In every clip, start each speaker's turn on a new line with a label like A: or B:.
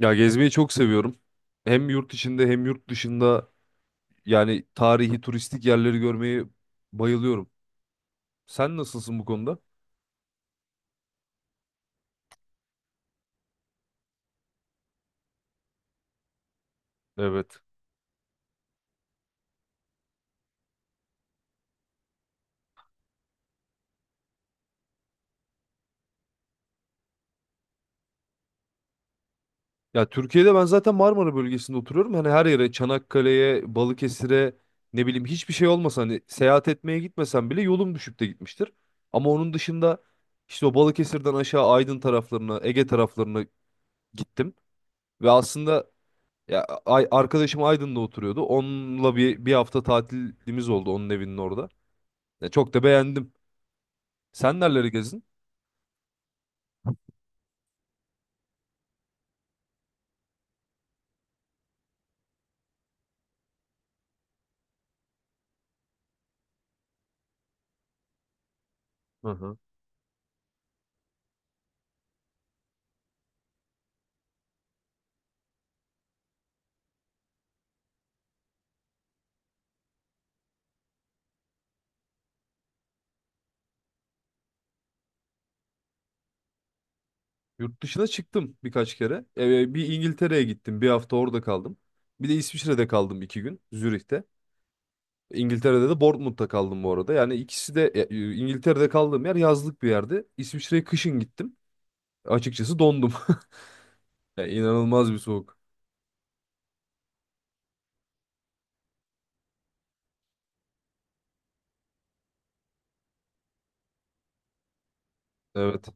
A: Ya gezmeyi çok seviyorum. Hem yurt içinde hem yurt dışında yani tarihi turistik yerleri görmeyi bayılıyorum. Sen nasılsın bu konuda? Evet. Ya Türkiye'de ben zaten Marmara bölgesinde oturuyorum. Hani her yere Çanakkale'ye, Balıkesir'e ne bileyim hiçbir şey olmasa hani seyahat etmeye gitmesem bile yolum düşüp de gitmiştir. Ama onun dışında işte o Balıkesir'den aşağı Aydın taraflarına, Ege taraflarına gittim. Ve aslında, ya ay, arkadaşım Aydın'da oturuyordu. Onunla bir hafta tatilimiz oldu onun evinin orada. Ya çok da beğendim. Sen nereleri gezdin? Hı hı. Yurt dışına çıktım birkaç kere. Bir İngiltere'ye gittim. Bir hafta orada kaldım. Bir de İsviçre'de kaldım iki gün. Zürih'te. İngiltere'de de Bournemouth'ta kaldım bu arada. Yani ikisi de, İngiltere'de kaldığım yer yazlık bir yerdi. İsviçre'ye kışın gittim. Açıkçası dondum. Ya inanılmaz bir soğuk. Evet.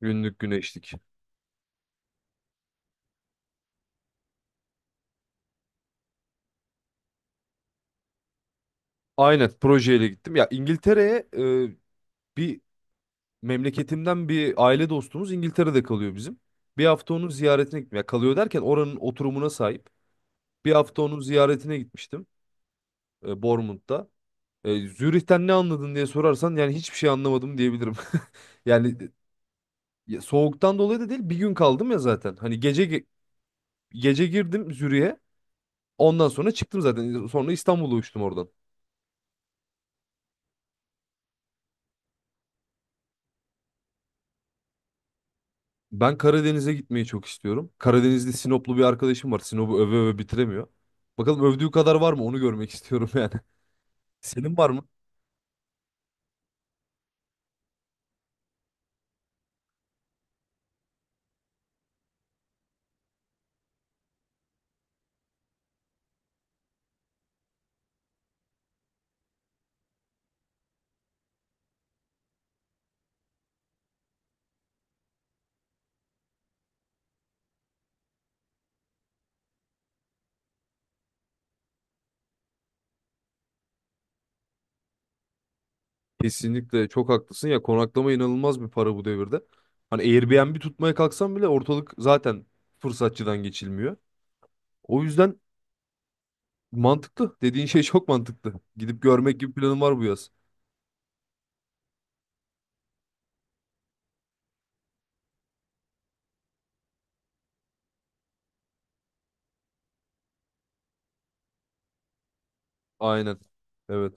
A: Günlük güneşlik. Aynen projeyle gittim. Ya İngiltere'ye, e, bir memleketimden bir aile dostumuz İngiltere'de kalıyor bizim. Bir hafta onun ziyaretine gitmeye kalıyor derken oranın oturumuna sahip. Bir hafta onun ziyaretine gitmiştim, Bournemouth'ta. Zürih'ten ne anladın diye sorarsan yani hiçbir şey anlamadım diyebilirim. Yani soğuktan dolayı da değil, bir gün kaldım ya zaten. Hani gece girdim Zürih'e. Ondan sonra çıktım zaten. Sonra İstanbul'a uçtum oradan. Ben Karadeniz'e gitmeyi çok istiyorum. Karadeniz'de Sinoplu bir arkadaşım var. Sinop'u öve öve bitiremiyor. Bakalım övdüğü kadar var mı, onu görmek istiyorum yani. Senin var mı? Kesinlikle çok haklısın ya, konaklama inanılmaz bir para bu devirde. Hani Airbnb tutmaya kalksam bile ortalık zaten fırsatçıdan geçilmiyor. O yüzden mantıklı. Dediğin şey çok mantıklı. Gidip görmek gibi planım var bu yaz. Aynen. Evet.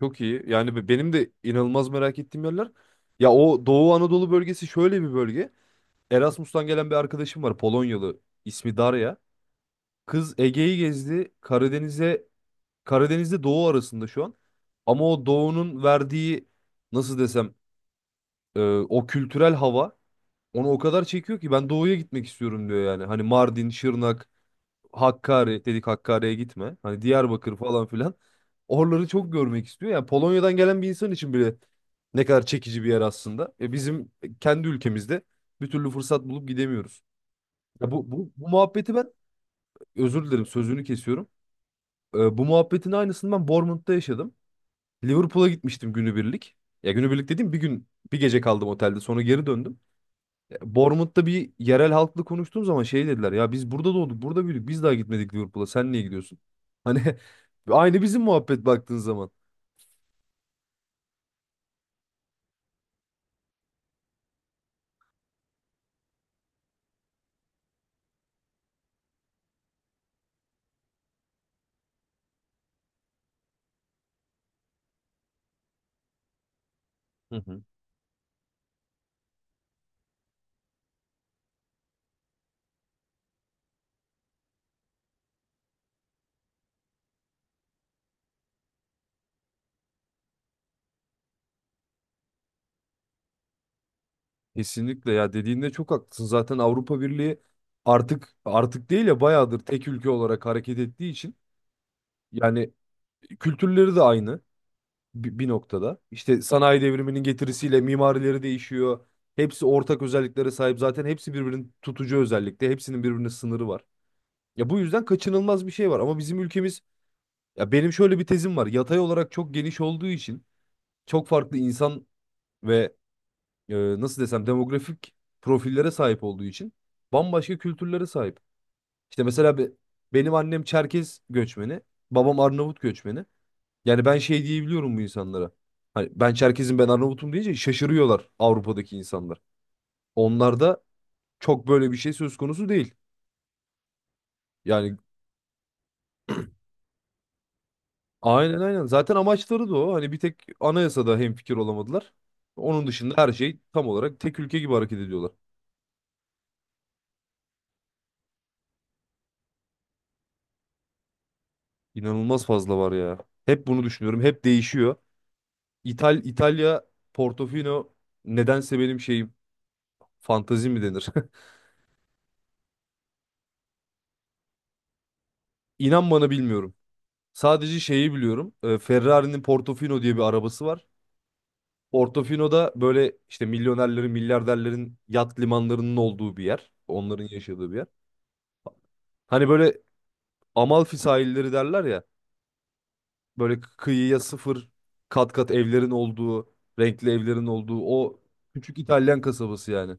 A: Çok iyi. Yani benim de inanılmaz merak ettiğim yerler. Ya o Doğu Anadolu bölgesi şöyle bir bölge. Erasmus'tan gelen bir arkadaşım var. Polonyalı. İsmi Darya. Kız Ege'yi gezdi. Karadeniz'de doğu arasında şu an. Ama o doğunun verdiği, nasıl desem, e, o kültürel hava onu o kadar çekiyor ki ben doğuya gitmek istiyorum diyor yani. Hani Mardin, Şırnak, Hakkari dedik, Hakkari'ye gitme. Hani Diyarbakır falan filan. Oraları çok görmek istiyor. Yani Polonya'dan gelen bir insan için bile ne kadar çekici bir yer aslında. Bizim kendi ülkemizde bir türlü fırsat bulup gidemiyoruz. Ya bu muhabbeti ben, özür dilerim sözünü kesiyorum. Bu muhabbetin aynısını ben Bournemouth'ta yaşadım. Liverpool'a gitmiştim günübirlik. Ya günübirlik dediğim, bir gün bir gece kaldım otelde sonra geri döndüm. Ya, Bournemouth'ta bir yerel halkla konuştuğum zaman şey dediler: ya biz burada doğduk, burada büyüdük, biz daha gitmedik Liverpool'a, sen niye gidiyorsun? Hani aynı bizim muhabbet baktığın zaman. Hı hı. Kesinlikle ya, dediğinde çok haklısın. Zaten Avrupa Birliği artık değil ya, bayağıdır tek ülke olarak hareket ettiği için yani kültürleri de aynı. Bir noktada. İşte sanayi devriminin getirisiyle mimarileri değişiyor. Hepsi ortak özelliklere sahip. Zaten hepsi birbirinin tutucu özellikte. Hepsinin birbirine sınırı var. Ya bu yüzden kaçınılmaz bir şey var. Ama bizim ülkemiz, ya benim şöyle bir tezim var. Yatay olarak çok geniş olduğu için çok farklı insan ve, e, nasıl desem, demografik profillere sahip olduğu için bambaşka kültürlere sahip. İşte mesela, benim annem Çerkez göçmeni, babam Arnavut göçmeni. Yani ben şey diyebiliyorum bu insanlara. Hani ben Çerkez'im, ben Arnavut'um deyince şaşırıyorlar Avrupa'daki insanlar. Onlarda çok böyle bir şey söz konusu değil. Yani aynen aynen. Zaten amaçları da o. Hani bir tek anayasada hemfikir olamadılar. Onun dışında her şey tam olarak tek ülke gibi hareket ediyorlar. İnanılmaz fazla var ya. Hep bunu düşünüyorum. Hep değişiyor. İtalya, Portofino, nedense benim şeyim, fantezi mi denir? İnan bana bilmiyorum. Sadece şeyi biliyorum. Ferrari'nin Portofino diye bir arabası var. Portofino'da böyle işte milyonerlerin, milyarderlerin yat limanlarının olduğu bir yer. Onların yaşadığı bir yer. Hani böyle Amalfi sahilleri derler ya. Böyle kıyıya sıfır, kat kat evlerin olduğu, renkli evlerin olduğu o küçük İtalyan kasabası yani.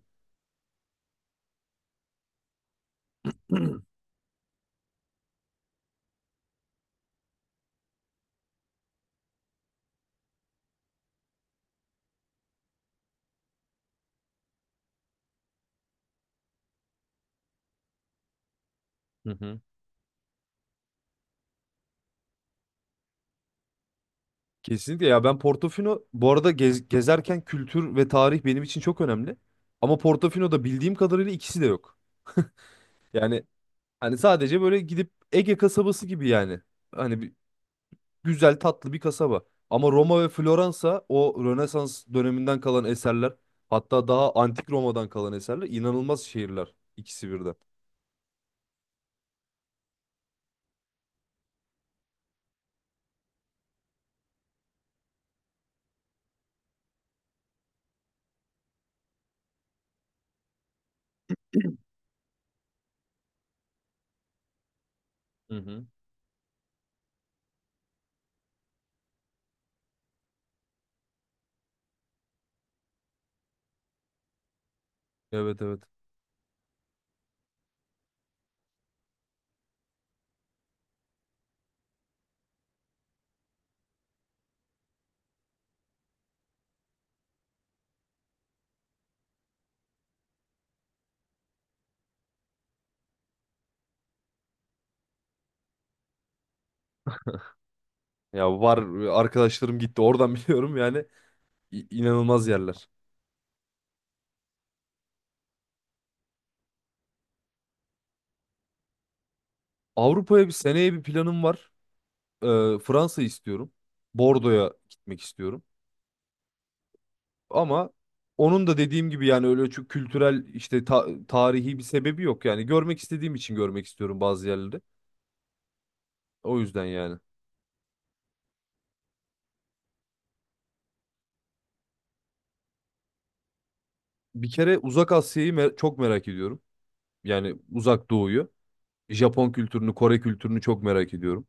A: Hı hı. Kesinlikle ya, ben Portofino bu arada gezerken kültür ve tarih benim için çok önemli. Ama Portofino'da bildiğim kadarıyla ikisi de yok. Yani hani sadece böyle gidip Ege kasabası gibi yani. Hani güzel tatlı bir kasaba. Ama Roma ve Floransa, o Rönesans döneminden kalan eserler, hatta daha antik Roma'dan kalan eserler, inanılmaz şehirler ikisi birden. Hı hı. Evet evet. Ya var, arkadaşlarım gitti oradan biliyorum yani. İnanılmaz yerler. Avrupa'ya bir seneye bir planım var. Fransa istiyorum. Bordo'ya gitmek istiyorum. Ama onun da dediğim gibi yani öyle çok kültürel, işte tarihi bir sebebi yok, yani görmek istediğim için görmek istiyorum bazı yerleri. O yüzden yani. Bir kere Uzak Asya'yı çok merak ediyorum. Yani Uzak Doğu'yu. Japon kültürünü, Kore kültürünü çok merak ediyorum.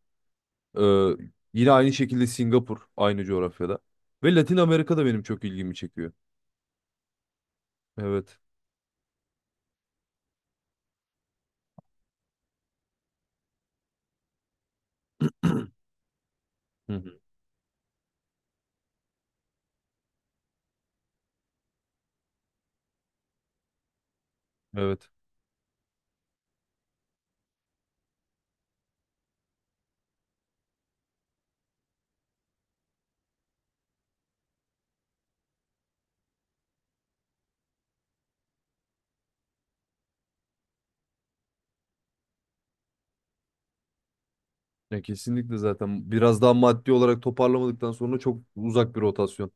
A: Ee, Yine aynı şekilde Singapur, aynı coğrafyada. Ve Latin Amerika da benim çok ilgimi çekiyor. Evet. Hı hı. Evet. Ya kesinlikle, zaten biraz daha maddi olarak toparlamadıktan sonra çok uzak bir rotasyon.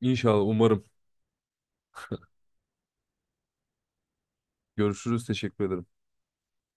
A: İnşallah, umarım. Görüşürüz. Teşekkür ederim.